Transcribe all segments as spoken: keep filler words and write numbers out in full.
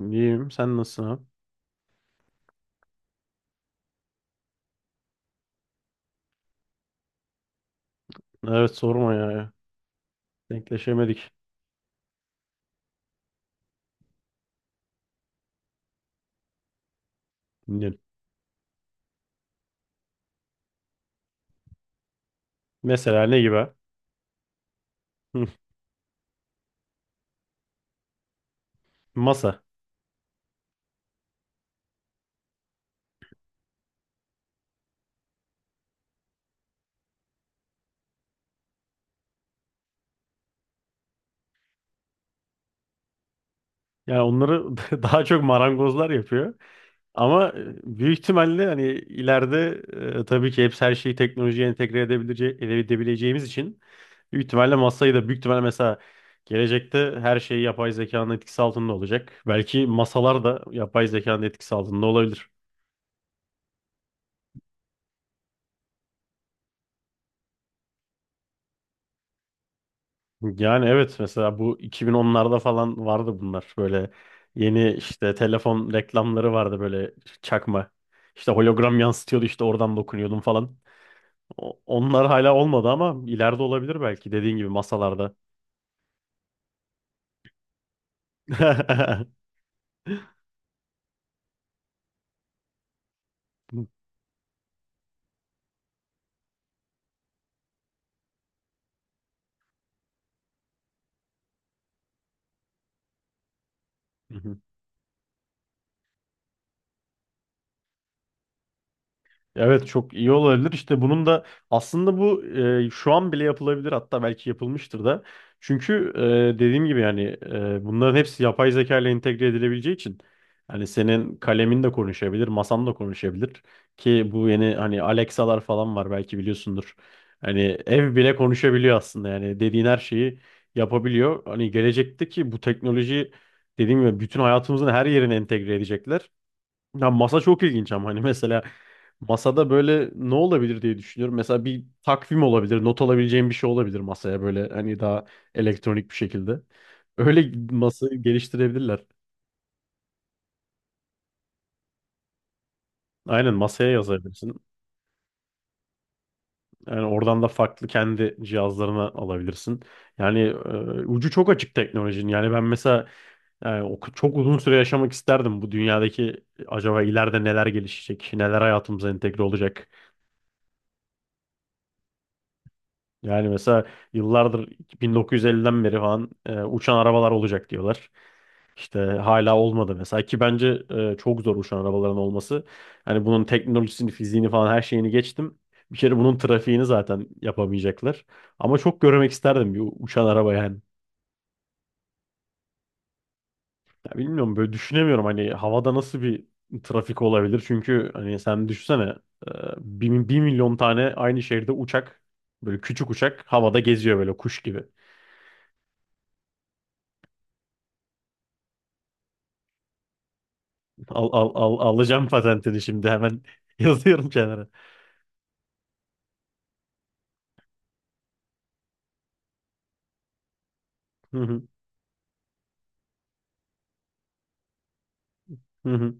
İyiyim. Sen nasılsın abi? Evet sorma ya. Denkleşemedik. Dinliyorum. Mesela ne gibi? Hı. Masa. Yani onları daha çok marangozlar yapıyor. Ama e, büyük ihtimalle hani ileride e, tabii ki hepsi her şeyi teknolojiye entegre edebilece- edebileceğimiz için büyük ihtimalle masayı da büyük ihtimalle mesela gelecekte her şey yapay zekanın etkisi altında olacak. Belki masalar da yapay zekanın etkisi altında olabilir. Yani evet mesela bu iki bin onlarda falan vardı bunlar. Böyle yeni işte telefon reklamları vardı böyle çakma. İşte hologram yansıtıyordu işte oradan dokunuyordum falan. O- Onlar hala olmadı ama ileride olabilir belki dediğin gibi masalarda. Evet çok iyi olabilir. İşte bunun da aslında bu e, şu an bile yapılabilir hatta belki yapılmıştır da. Çünkü e, dediğim gibi yani e, bunların hepsi yapay zeka ile entegre edilebileceği için hani senin kalemin de konuşabilir, masan da konuşabilir ki bu yeni hani Alexa'lar falan var belki biliyorsundur. Hani ev bile konuşabiliyor aslında yani dediğin her şeyi yapabiliyor. Hani gelecekteki bu teknolojiyi dediğim gibi bütün hayatımızın her yerine entegre edecekler. Ya masa çok ilginç ama hani mesela masada böyle ne olabilir diye düşünüyorum. Mesela bir takvim olabilir, not alabileceğim bir şey olabilir masaya böyle hani daha elektronik bir şekilde. Öyle masayı geliştirebilirler. Aynen masaya yazabilirsin. Yani oradan da farklı kendi cihazlarına alabilirsin. Yani e, ucu çok açık teknolojinin. Yani ben mesela yani o çok uzun süre yaşamak isterdim bu dünyadaki acaba ileride neler gelişecek, neler hayatımıza entegre olacak. Yani mesela yıllardır bin dokuz yüz elliden beri falan e, uçan arabalar olacak diyorlar. İşte hala olmadı mesela ki bence e, çok zor uçan arabaların olması. Hani bunun teknolojisini, fiziğini falan her şeyini geçtim. Bir kere bunun trafiğini zaten yapamayacaklar. Ama çok görmek isterdim bir uçan araba yani. Ya bilmiyorum böyle düşünemiyorum hani havada nasıl bir trafik olabilir. Çünkü hani sen düşünsene e, bir, bir milyon tane aynı şehirde uçak böyle küçük uçak havada geziyor böyle kuş gibi. Al, al, al, alacağım patentini şimdi hemen yazıyorum kenara. Hı hı, hı hı.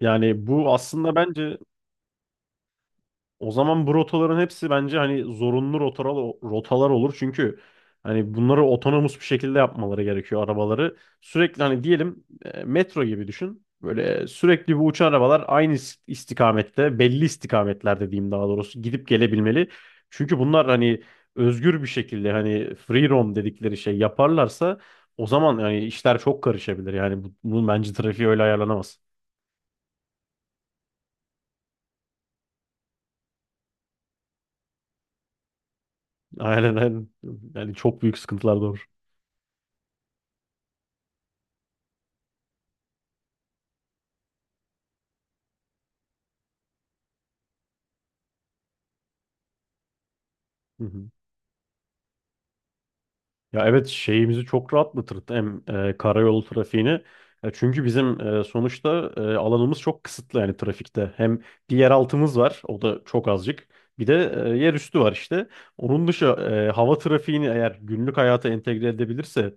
Yani bu aslında bence o zaman bu rotaların hepsi bence hani zorunlu rotalar, rotalar olur. Çünkü hani bunları otonomus bir şekilde yapmaları gerekiyor arabaları. Sürekli hani diyelim e, metro gibi düşün. Böyle sürekli bu uçan arabalar aynı is- istikamette, belli istikametlerde diyeyim daha doğrusu gidip gelebilmeli. Çünkü bunlar hani özgür bir şekilde hani free roam dedikleri şey yaparlarsa o zaman yani işler çok karışabilir. Yani bu- bunun bence trafiği öyle ayarlanamaz. Aynen, aynen. Yani çok büyük sıkıntılar doğur. Hı hı. Ya evet şeyimizi çok rahatlatır hem e, karayolu trafiğini. E, çünkü bizim e, sonuçta e, alanımız çok kısıtlı yani trafikte. Hem bir yeraltımız var o da çok azıcık. Bir de e, yer üstü var işte. Onun dışı e, hava trafiğini eğer günlük hayata entegre edebilirse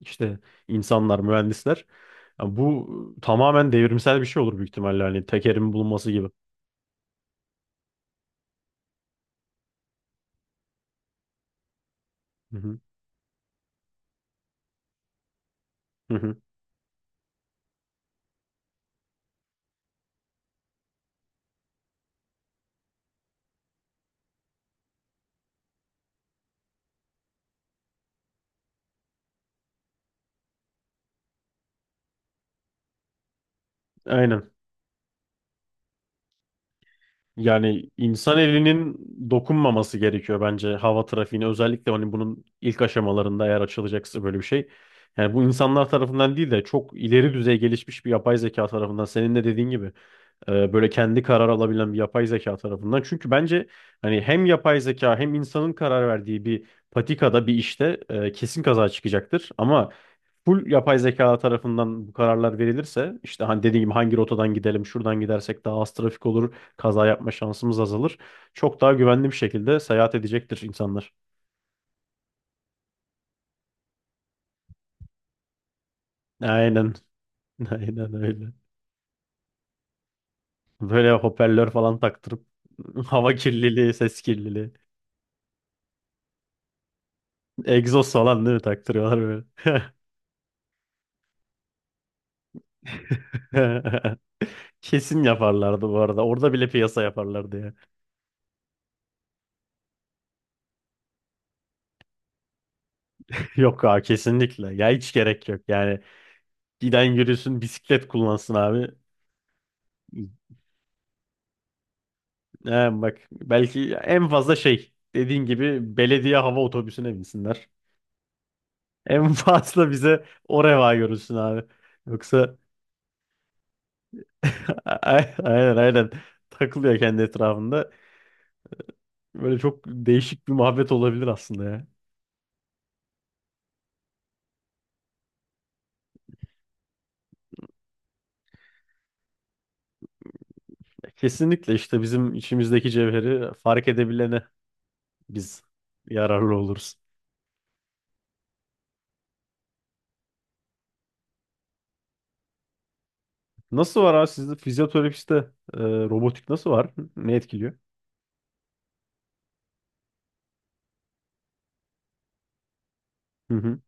işte insanlar, mühendisler ya bu tamamen devrimsel bir şey olur büyük ihtimalle hani tekerin bulunması gibi. Hı hı. Hı hı. Aynen. Yani insan elinin dokunmaması gerekiyor bence hava trafiğine. Özellikle hani bunun ilk aşamalarında eğer açılacaksa böyle bir şey. Yani bu insanlar tarafından değil de çok ileri düzey gelişmiş bir yapay zeka tarafından senin de dediğin gibi e, böyle kendi karar alabilen bir yapay zeka tarafından. Çünkü bence hani hem yapay zeka hem insanın karar verdiği bir patikada bir işte e, kesin kaza çıkacaktır. Ama full yapay zeka tarafından bu kararlar verilirse işte hani dediğim gibi hangi rotadan gidelim, şuradan gidersek daha az trafik olur, kaza yapma şansımız azalır. Çok daha güvenli bir şekilde seyahat edecektir insanlar. Aynen. Aynen öyle. Böyle hoparlör falan taktırıp hava kirliliği, ses kirliliği. Egzoz falan değil mi taktırıyorlar böyle. Kesin yaparlardı bu arada. Orada bile piyasa yaparlardı ya. Yok abi kesinlikle. Ya hiç gerek yok. Yani giden yürüsün bisiklet kullansın abi. He, bak belki en fazla şey dediğin gibi belediye hava otobüsüne binsinler. En fazla bize o reva görülsün abi. Yoksa A- aynen, aynen takılıyor kendi etrafında. Böyle çok değişik bir muhabbet olabilir aslında ya. Kesinlikle işte bizim içimizdeki cevheri fark edebilene biz yararlı oluruz. Nasıl var abi sizde fizyoterapiste e, robotik nasıl var? Ne etkiliyor? Hı hı.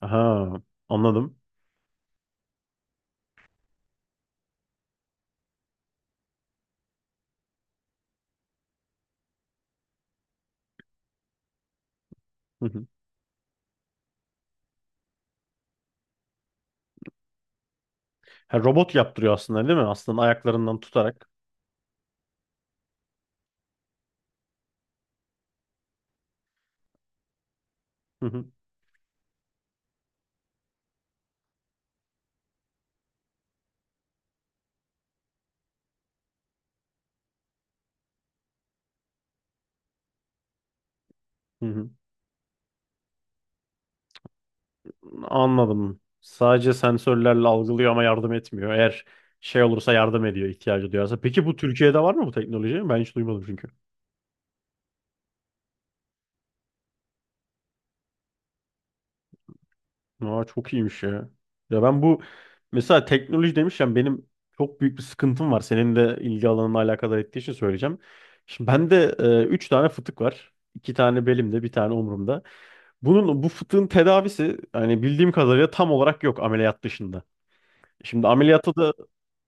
Aha, anladım. Hı hı. Ha, robot yaptırıyor aslında değil mi? Aslında ayaklarından tutarak. Hı hı. Hı hı. Anladım. Sadece sensörlerle algılıyor ama yardım etmiyor. Eğer şey olursa yardım ediyor ihtiyacı duyarsa. Peki bu Türkiye'de var mı bu teknoloji? Ben hiç duymadım çünkü. Aa, çok iyiymiş ya. Ya ben bu mesela teknoloji demişken benim çok büyük bir sıkıntım var. Senin de ilgi alanına alakadar ettiği için söyleyeceğim. Şimdi bende e, üç tane fıtık var. İki tane belimde, bir tane omurumda. Bunun bu fıtığın tedavisi hani bildiğim kadarıyla tam olarak yok ameliyat dışında. Şimdi ameliyatta da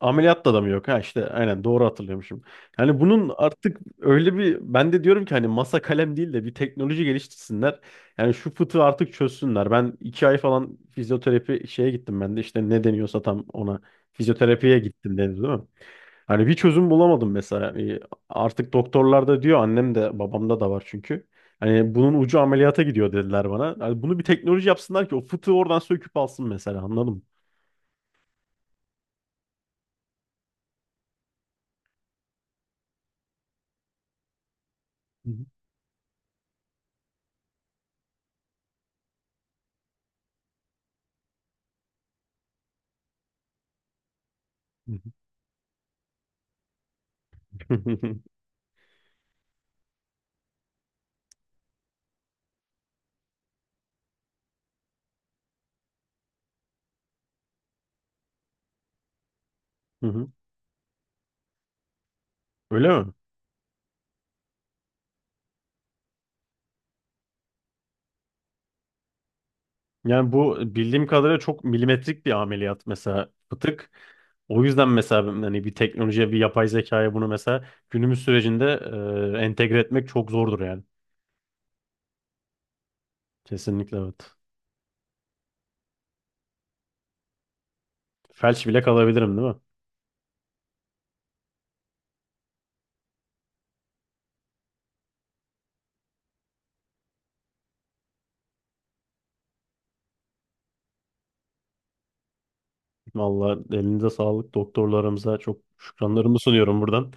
ameliyatta da mı yok? Ha işte aynen doğru hatırlıyormuşum. Yani bunun artık öyle bir ben de diyorum ki hani masa kalem değil de bir teknoloji geliştirsinler. Yani şu fıtığı artık çözsünler. Ben iki ay falan fizyoterapi şeye gittim ben de işte ne deniyorsa tam ona fizyoterapiye gittim deniz değil mi? Hani bir çözüm bulamadım mesela. Yani artık doktorlar da diyor annem de babamda da var çünkü. Hani bunun ucu ameliyata gidiyor dediler bana. Hani bunu bir teknoloji yapsınlar ki o fıtığı oradan söküp alsın mesela anladın mı? Hı hı. Hı hı hı. Hı hı. Öyle mi? Yani bu bildiğim kadarıyla çok milimetrik bir ameliyat mesela fıtık. O yüzden mesela hani bir teknolojiye, bir yapay zekaya bunu mesela günümüz sürecinde e, entegre etmek çok zordur yani. Kesinlikle evet. Felç bile kalabilirim değil mi? Vallahi elinize sağlık, doktorlarımıza çok şükranlarımı sunuyorum buradan.